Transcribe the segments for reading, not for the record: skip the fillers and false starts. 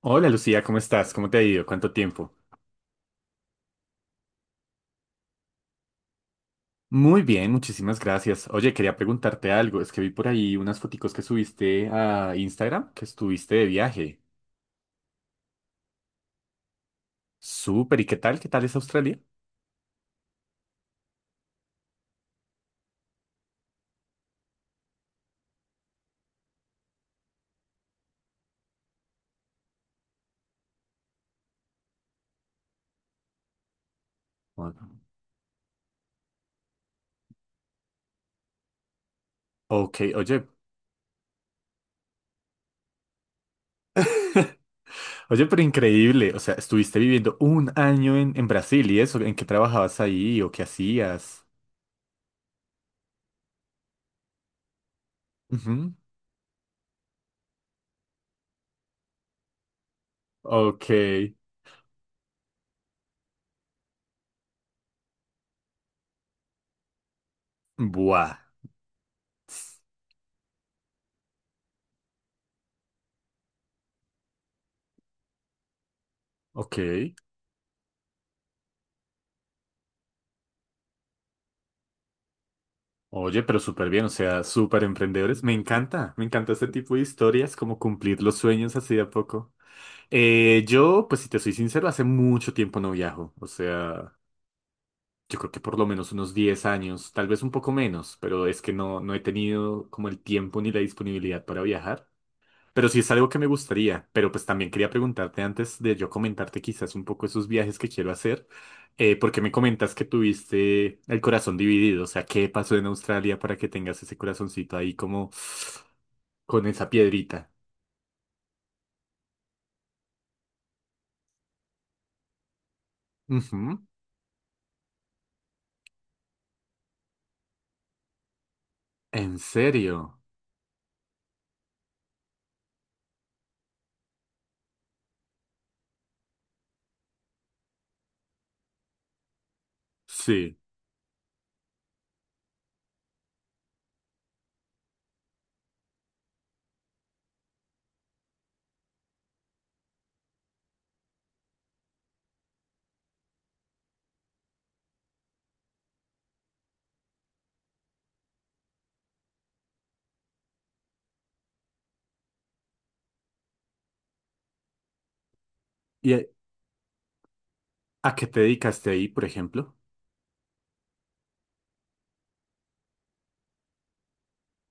Hola Lucía, ¿cómo estás? ¿Cómo te ha ido? ¿Cuánto tiempo? Muy bien, muchísimas gracias. Oye, quería preguntarte algo. Es que vi por ahí unas foticos que subiste a Instagram, que estuviste de viaje. Súper, ¿y qué tal? ¿Qué tal es Australia? Bueno. Ok, oye, oye, pero increíble. O sea, estuviste viviendo 1 año en Brasil y eso, ¿en qué trabajabas ahí o qué hacías? Ujú. Ok, buah. Ok. Oye, pero súper bien, o sea, súper emprendedores. Me encanta este tipo de historias, como cumplir los sueños así de a poco. Yo, pues si te soy sincero, hace mucho tiempo no viajo, o sea, yo creo que por lo menos unos 10 años, tal vez un poco menos, pero es que no he tenido como el tiempo ni la disponibilidad para viajar. Pero sí es algo que me gustaría, pero pues también quería preguntarte antes de yo comentarte quizás un poco esos viajes que quiero hacer, porque me comentas que tuviste el corazón dividido, o sea, ¿qué pasó en Australia para que tengas ese corazoncito ahí como con esa piedrita? Ujú. ¿En serio? Sí. ¿Y a qué te dedicaste ahí, por ejemplo?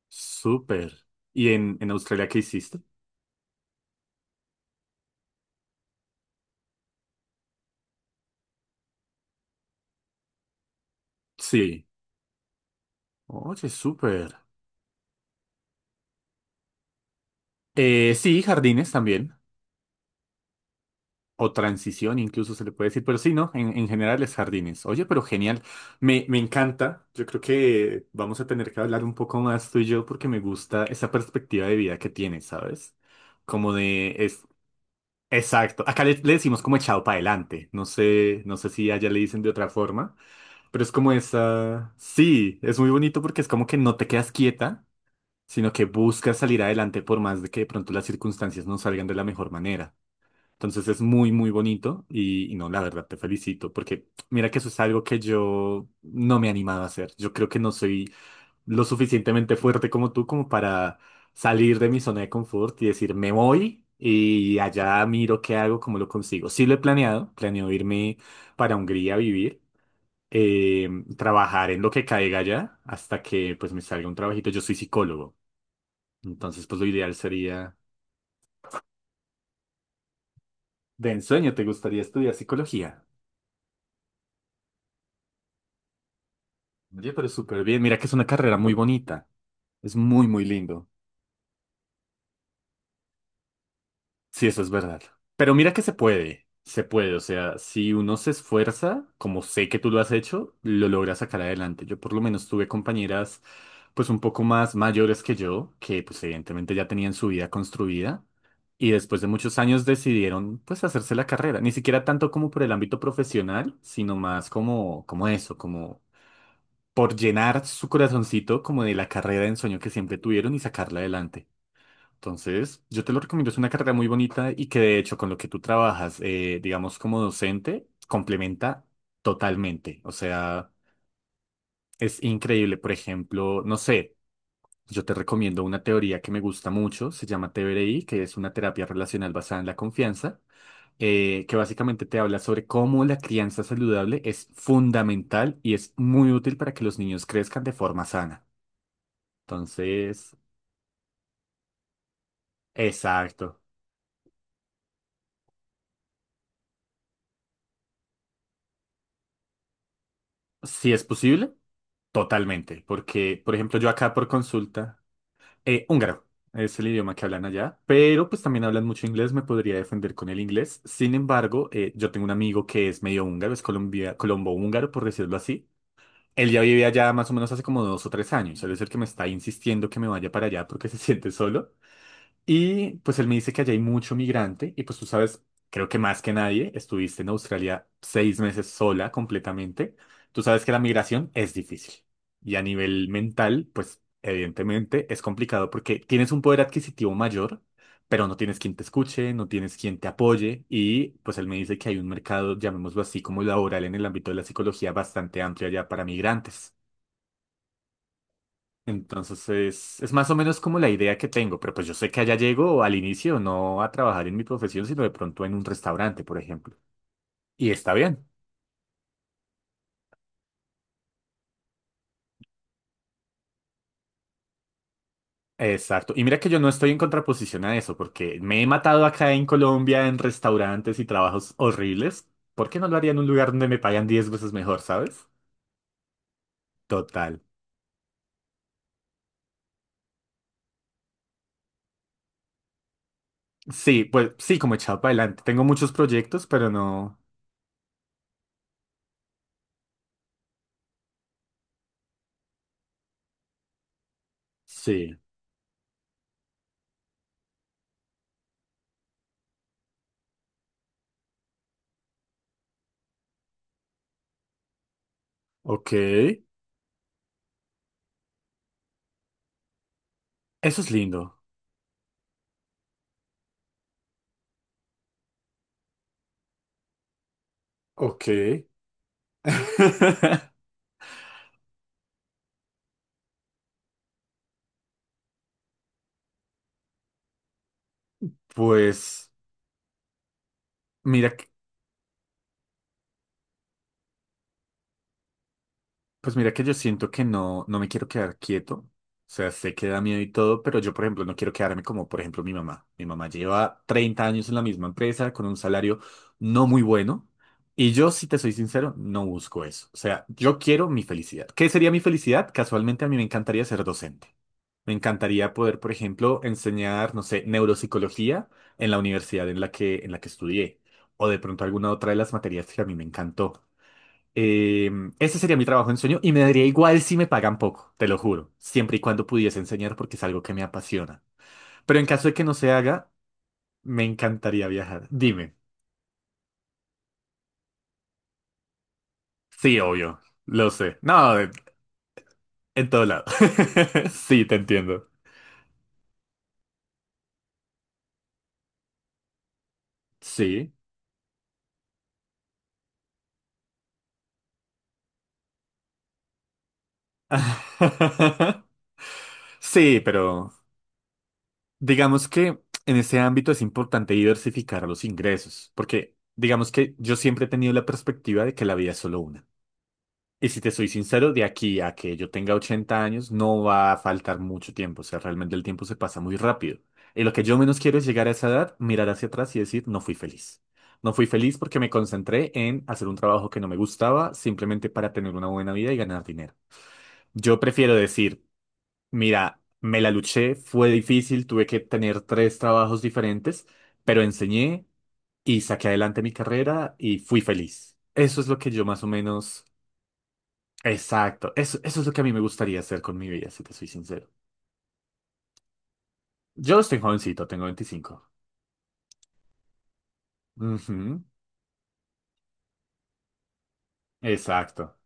Súper. ¿Y en Australia qué hiciste? Sí. Oye, súper. Sí, jardines también. O transición, incluso se le puede decir, pero sí, ¿no? En general es jardines. Oye, pero genial. Me encanta. Yo creo que vamos a tener que hablar un poco más tú y yo porque me gusta esa perspectiva de vida que tienes, ¿sabes? Como de es exacto. Acá le decimos como echado para adelante. No sé, no sé si allá le dicen de otra forma, pero es como esa. Sí, es muy bonito porque es como que no te quedas quieta, sino que buscas salir adelante por más de que de pronto las circunstancias no salgan de la mejor manera. Entonces es muy, muy bonito y no, la verdad te felicito porque mira que eso es algo que yo no me he animado a hacer. Yo creo que no soy lo suficientemente fuerte como tú como para salir de mi zona de confort y decir, me voy y allá miro qué hago, cómo lo consigo. Sí lo he planeado, planeo irme para Hungría a vivir, eh, trabajar en lo que caiga allá hasta que pues me salga un trabajito. Yo soy psicólogo, entonces pues lo ideal sería, de ensueño, ¿te gustaría estudiar psicología? Oye, pero súper bien. Mira que es una carrera muy bonita. Es muy, muy lindo. Sí, eso es verdad. Pero mira que se puede. Se puede. O sea, si uno se esfuerza, como sé que tú lo has hecho, lo logra sacar adelante. Yo por lo menos tuve compañeras, pues un poco más mayores que yo, que pues evidentemente ya tenían su vida construida. Y después de muchos años decidieron pues hacerse la carrera. Ni siquiera tanto como por el ámbito profesional, sino más como, como eso, como por llenar su corazoncito como de la carrera de ensueño que siempre tuvieron y sacarla adelante. Entonces, yo te lo recomiendo, es una carrera muy bonita y que de hecho con lo que tú trabajas, digamos como docente, complementa totalmente. O sea, es increíble. Por ejemplo, no sé, yo te recomiendo una teoría que me gusta mucho, se llama TBRI, que es una terapia relacional basada en la confianza, que básicamente te habla sobre cómo la crianza saludable es fundamental y es muy útil para que los niños crezcan de forma sana. Entonces, exacto. Si es posible, totalmente. Porque, por ejemplo, yo acá por consulta, húngaro es el idioma que hablan allá, pero pues también hablan mucho inglés, me podría defender con el inglés. Sin embargo, yo tengo un amigo que es medio húngaro, es colombia, colombo-húngaro, por decirlo así. Él ya vive allá más o menos hace como 2 o 3 años. Él es el que me está insistiendo que me vaya para allá porque se siente solo. Y pues él me dice que allá hay mucho migrante y pues tú sabes, creo que más que nadie, estuviste en Australia 6 meses sola completamente. Tú sabes que la migración es difícil y a nivel mental, pues evidentemente es complicado porque tienes un poder adquisitivo mayor, pero no tienes quien te escuche, no tienes quien te apoye y pues él me dice que hay un mercado, llamémoslo así, como laboral en el ámbito de la psicología bastante amplio allá para migrantes. Entonces es más o menos como la idea que tengo, pero pues yo sé que allá llego al inicio no a trabajar en mi profesión, sino de pronto en un restaurante, por ejemplo. Y está bien. Exacto. Y mira que yo no estoy en contraposición a eso, porque me he matado acá en Colombia en restaurantes y trabajos horribles. ¿Por qué no lo haría en un lugar donde me pagan 10 veces mejor, sabes? Total. Sí, pues sí, como echado para adelante. Tengo muchos proyectos, pero no. Sí. Ok. Eso es lindo. Ok. Pues... Mira, que- pues mira que yo siento que no me quiero quedar quieto. O sea, sé que da miedo y todo, pero yo, por ejemplo, no quiero quedarme como, por ejemplo, mi mamá. Mi mamá lleva 30 años en la misma empresa con un salario no muy bueno. Y yo, si te soy sincero, no busco eso. O sea, yo quiero mi felicidad. ¿Qué sería mi felicidad? Casualmente a mí me encantaría ser docente. Me encantaría poder, por ejemplo, enseñar, no sé, neuropsicología en la universidad en la que estudié. O de pronto alguna otra de las materias que a mí me encantó. Eh, ese sería mi trabajo en sueño y me daría igual si me pagan poco, te lo juro, siempre y cuando pudiese enseñar porque es algo que me apasiona. Pero en caso de que no se haga, me encantaría viajar. Dime. Sí, obvio, lo sé. No, en todo lado. Sí, te entiendo. Sí. Sí, pero digamos que en ese ámbito es importante diversificar los ingresos, porque digamos que yo siempre he tenido la perspectiva de que la vida es solo una. Y si te soy sincero, de aquí a que yo tenga 80 años no va a faltar mucho tiempo. O sea, realmente el tiempo se pasa muy rápido. Y lo que yo menos quiero es llegar a esa edad, mirar hacia atrás y decir, no fui feliz. No fui feliz porque me concentré en hacer un trabajo que no me gustaba simplemente para tener una buena vida y ganar dinero. Yo prefiero decir, mira, me la luché, fue difícil, tuve que tener 3 trabajos diferentes, pero enseñé y saqué adelante mi carrera y fui feliz. Eso es lo que yo más o menos exacto. Eso es lo que a mí me gustaría hacer con mi vida, si te soy sincero. Yo estoy jovencito, tengo 25. Ujú, exacto.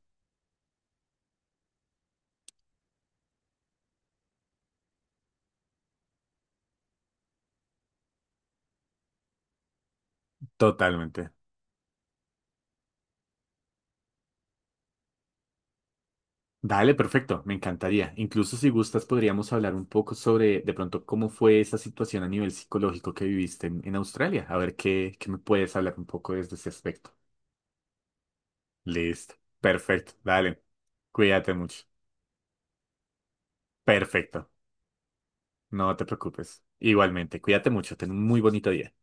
Totalmente. Dale, perfecto, me encantaría. Incluso si gustas, podríamos hablar un poco sobre de pronto cómo fue esa situación a nivel psicológico que viviste en Australia. A ver qué me puedes hablar un poco desde ese aspecto. Listo. Perfecto. Dale. Cuídate mucho. Perfecto. No te preocupes. Igualmente, cuídate mucho. Ten un muy bonito día.